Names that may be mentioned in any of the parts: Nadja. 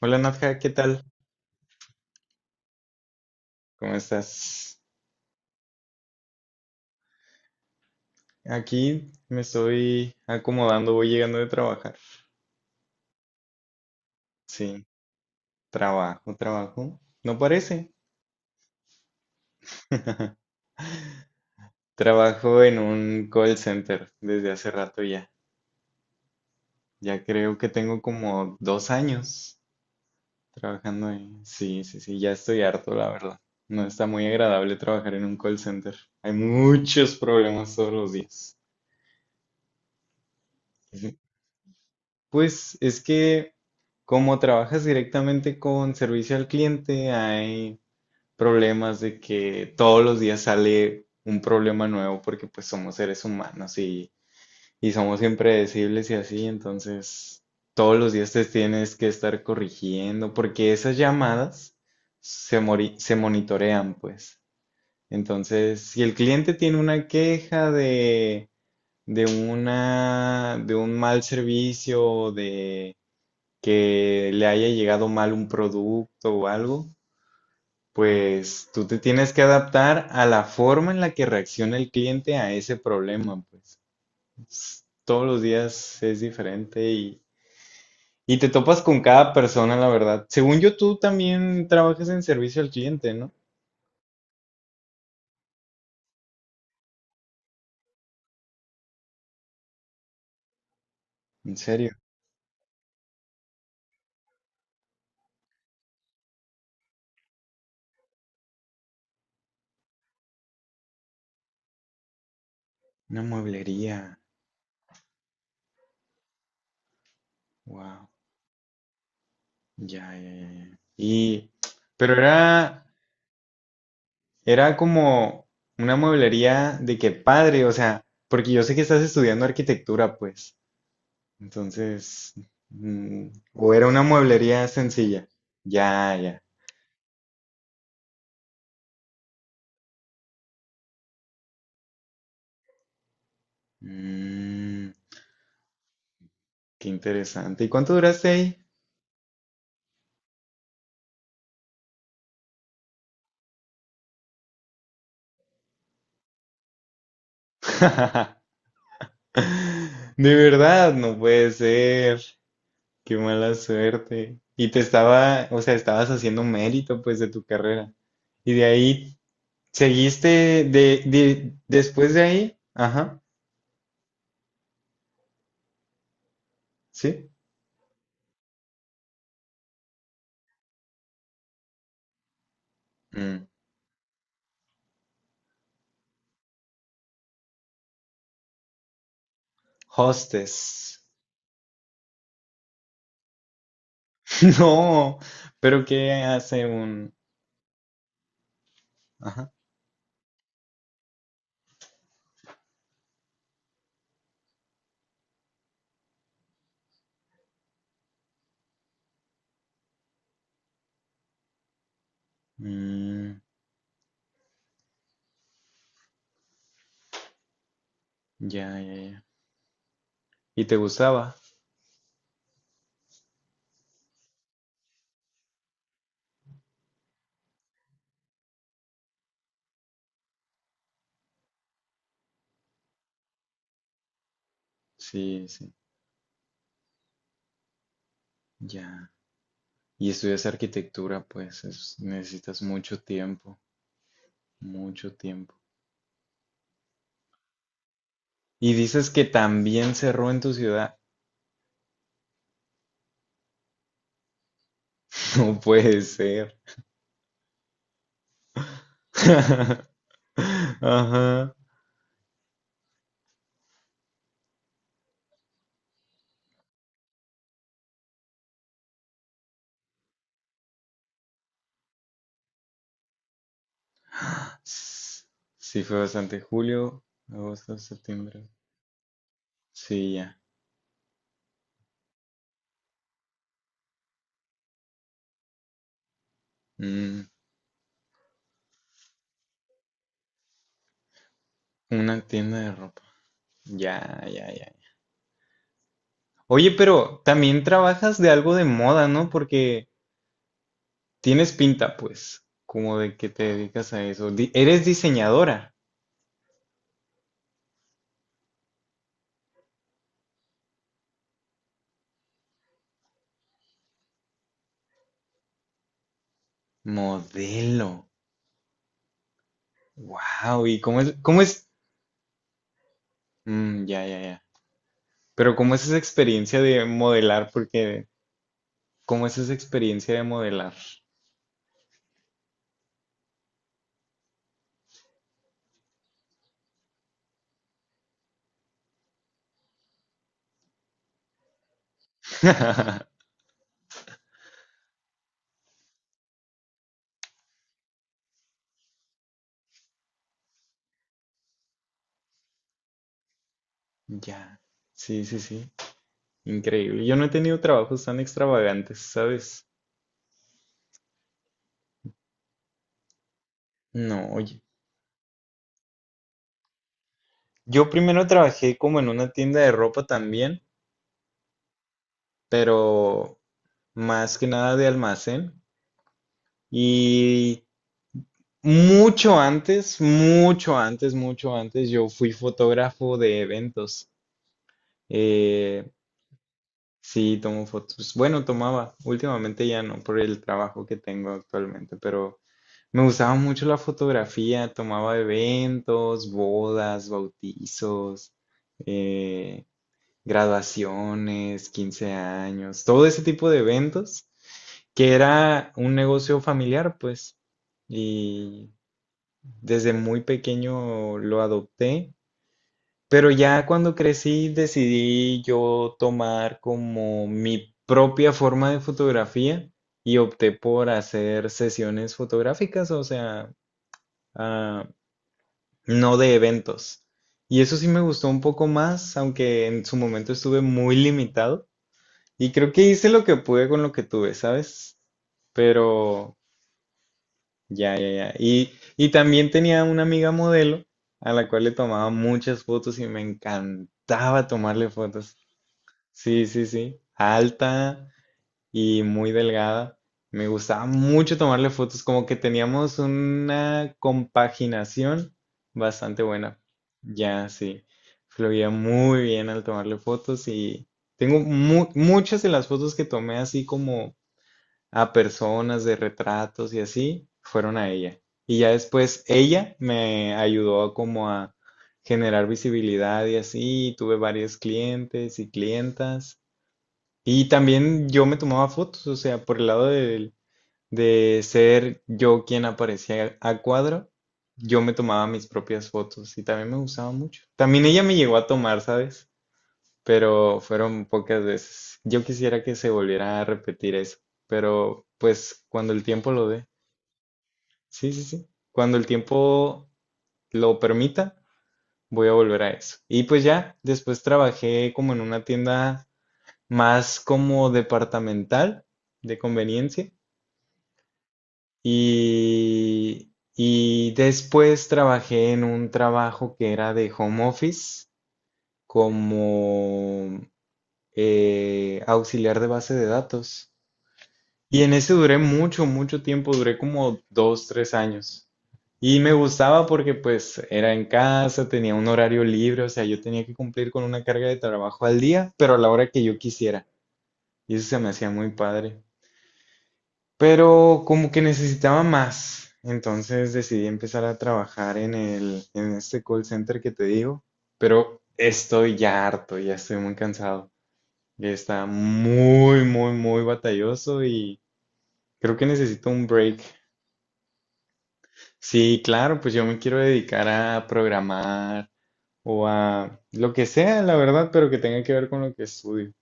Hola Nadja, ¿qué tal? ¿Cómo estás? Aquí me estoy acomodando, voy llegando de trabajar. Sí, trabajo, trabajo. No parece. Trabajo en un call center desde hace rato ya. Ya creo que tengo como 2 años trabajando ahí. Sí, sí, sí, ya estoy harto, la verdad. No está muy agradable trabajar en un call center. Hay muchos problemas todos los días. Pues es que como trabajas directamente con servicio al cliente, hay problemas de que todos los días sale un problema nuevo porque pues somos seres humanos y somos impredecibles y así, entonces todos los días te tienes que estar corrigiendo porque esas llamadas se monitorean pues. Entonces, si el cliente tiene una queja de un mal servicio, o de que le haya llegado mal un producto o algo, pues tú te tienes que adaptar a la forma en la que reacciona el cliente a ese problema, pues todos los días es diferente y te topas con cada persona, la verdad. Según yo, tú también trabajas en servicio al cliente, ¿no? En serio, una mueblería. Wow, ya, ya, ya, ya. Pero era. Era como una mueblería de que padre, o sea, porque yo sé que estás estudiando arquitectura, pues. Entonces, mm, o era una mueblería sencilla. Ya, ya. Mm, Qué interesante. ¿Y cuánto duraste ahí? De verdad, no puede ser. Qué mala suerte. Y te estaba, o sea, estabas haciendo mérito, pues, de tu carrera. Y de ahí, ¿seguiste después de ahí? Ajá, sí. Mm, Hostess. No, pero ¿qué hace un...? Ajá. Mm, ya, ya, ya. ¿Y te gustaba? Sí, sí, ya. Y estudias arquitectura, pues necesitas mucho tiempo, mucho tiempo. Y dices que también cerró en tu ciudad. No puede ser. Ajá. S- Sí, fue bastante. Julio, agosto, septiembre. Sí, ya. Mm, una tienda de ropa. Ya, ya, ya. Oye, pero también trabajas de algo de moda, ¿no? Porque tienes pinta, pues, como de que te dedicas a eso. Eres diseñadora, modelo. Wow, ¿y cómo es, cómo es? Mm, ya, ya, ya. Pero ¿cómo es esa experiencia de modelar? Porque, ¿cómo es esa experiencia de modelar? Ya, sí, sí, sí. Increíble. Yo no he tenido trabajos tan extravagantes, ¿sabes? No, oye. Yo primero trabajé como en una tienda de ropa también, pero más que nada de almacén. Y mucho antes, mucho antes, mucho antes, yo fui fotógrafo de eventos. Eh, sí, tomo fotos. Bueno, tomaba. Últimamente ya no, por el trabajo que tengo actualmente, pero me gustaba mucho la fotografía. Tomaba eventos, bodas, bautizos, eh, graduaciones, 15 años, todo ese tipo de eventos, que era un negocio familiar, pues. Y desde muy pequeño lo adopté, pero ya cuando crecí decidí yo tomar como mi propia forma de fotografía y opté por hacer sesiones fotográficas, o sea, ah, no de eventos. Y eso sí me gustó un poco más, aunque en su momento estuve muy limitado. Y creo que hice lo que pude con lo que tuve, ¿sabes? Pero ya, ya, ya. Y también tenía una amiga modelo a la cual le tomaba muchas fotos y me encantaba tomarle fotos. Sí, sí, sí. Alta y muy delgada. Me gustaba mucho tomarle fotos, como que teníamos una compaginación bastante buena. Ya, sí. Fluía muy bien al tomarle fotos y tengo muchas de las fotos que tomé así como a personas de retratos y así, fueron a ella. Y ya después ella me ayudó como a generar visibilidad y así, y tuve varios clientes y clientas. Y también yo me tomaba fotos, o sea, por el lado de, ser yo quien aparecía a cuadro, yo me tomaba mis propias fotos y también me gustaba mucho. También ella me llegó a tomar, ¿sabes? Pero fueron pocas veces. Yo quisiera que se volviera a repetir eso, pero pues cuando el tiempo lo dé, sí, sí, sí, cuando el tiempo lo permita, voy a volver a eso. Y pues ya, después trabajé como en una tienda más como departamental de conveniencia y después trabajé en un trabajo que era de home office como auxiliar de base de datos. Y en ese duré mucho, mucho tiempo, duré como 2, 3 años. Y me gustaba porque pues era en casa, tenía un horario libre, o sea, yo tenía que cumplir con una carga de trabajo al día, pero a la hora que yo quisiera. Y eso se me hacía muy padre. Pero como que necesitaba más. Entonces decidí empezar a trabajar en este call center que te digo. Pero estoy ya harto, ya estoy muy cansado. Ya está muy, muy, muy batalloso y creo que necesito un break. Sí, claro, pues yo me quiero dedicar a programar o a lo que sea, la verdad, pero que tenga que ver con lo que estudio.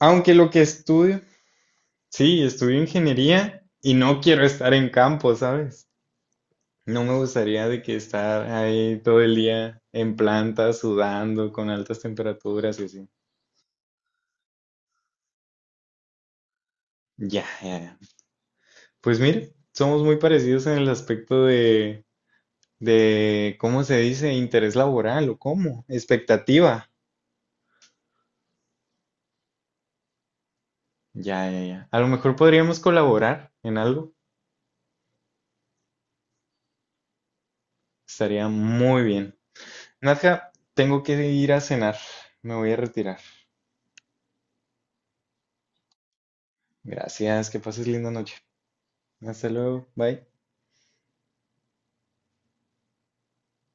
Aunque lo que estudio, sí, estudio ingeniería y no quiero estar en campo, ¿sabes? No me gustaría de que estar ahí todo el día en planta, sudando, con altas temperaturas y así. Ya, ya, ya. Pues mire, somos muy parecidos en el aspecto de, ¿cómo se dice? Interés laboral o cómo, expectativa. Ya, ya, ya. A lo mejor podríamos colaborar en algo. Estaría muy bien. Nadja, tengo que ir a cenar. Me voy a retirar. Gracias, que pases linda noche. Hasta luego. Bye.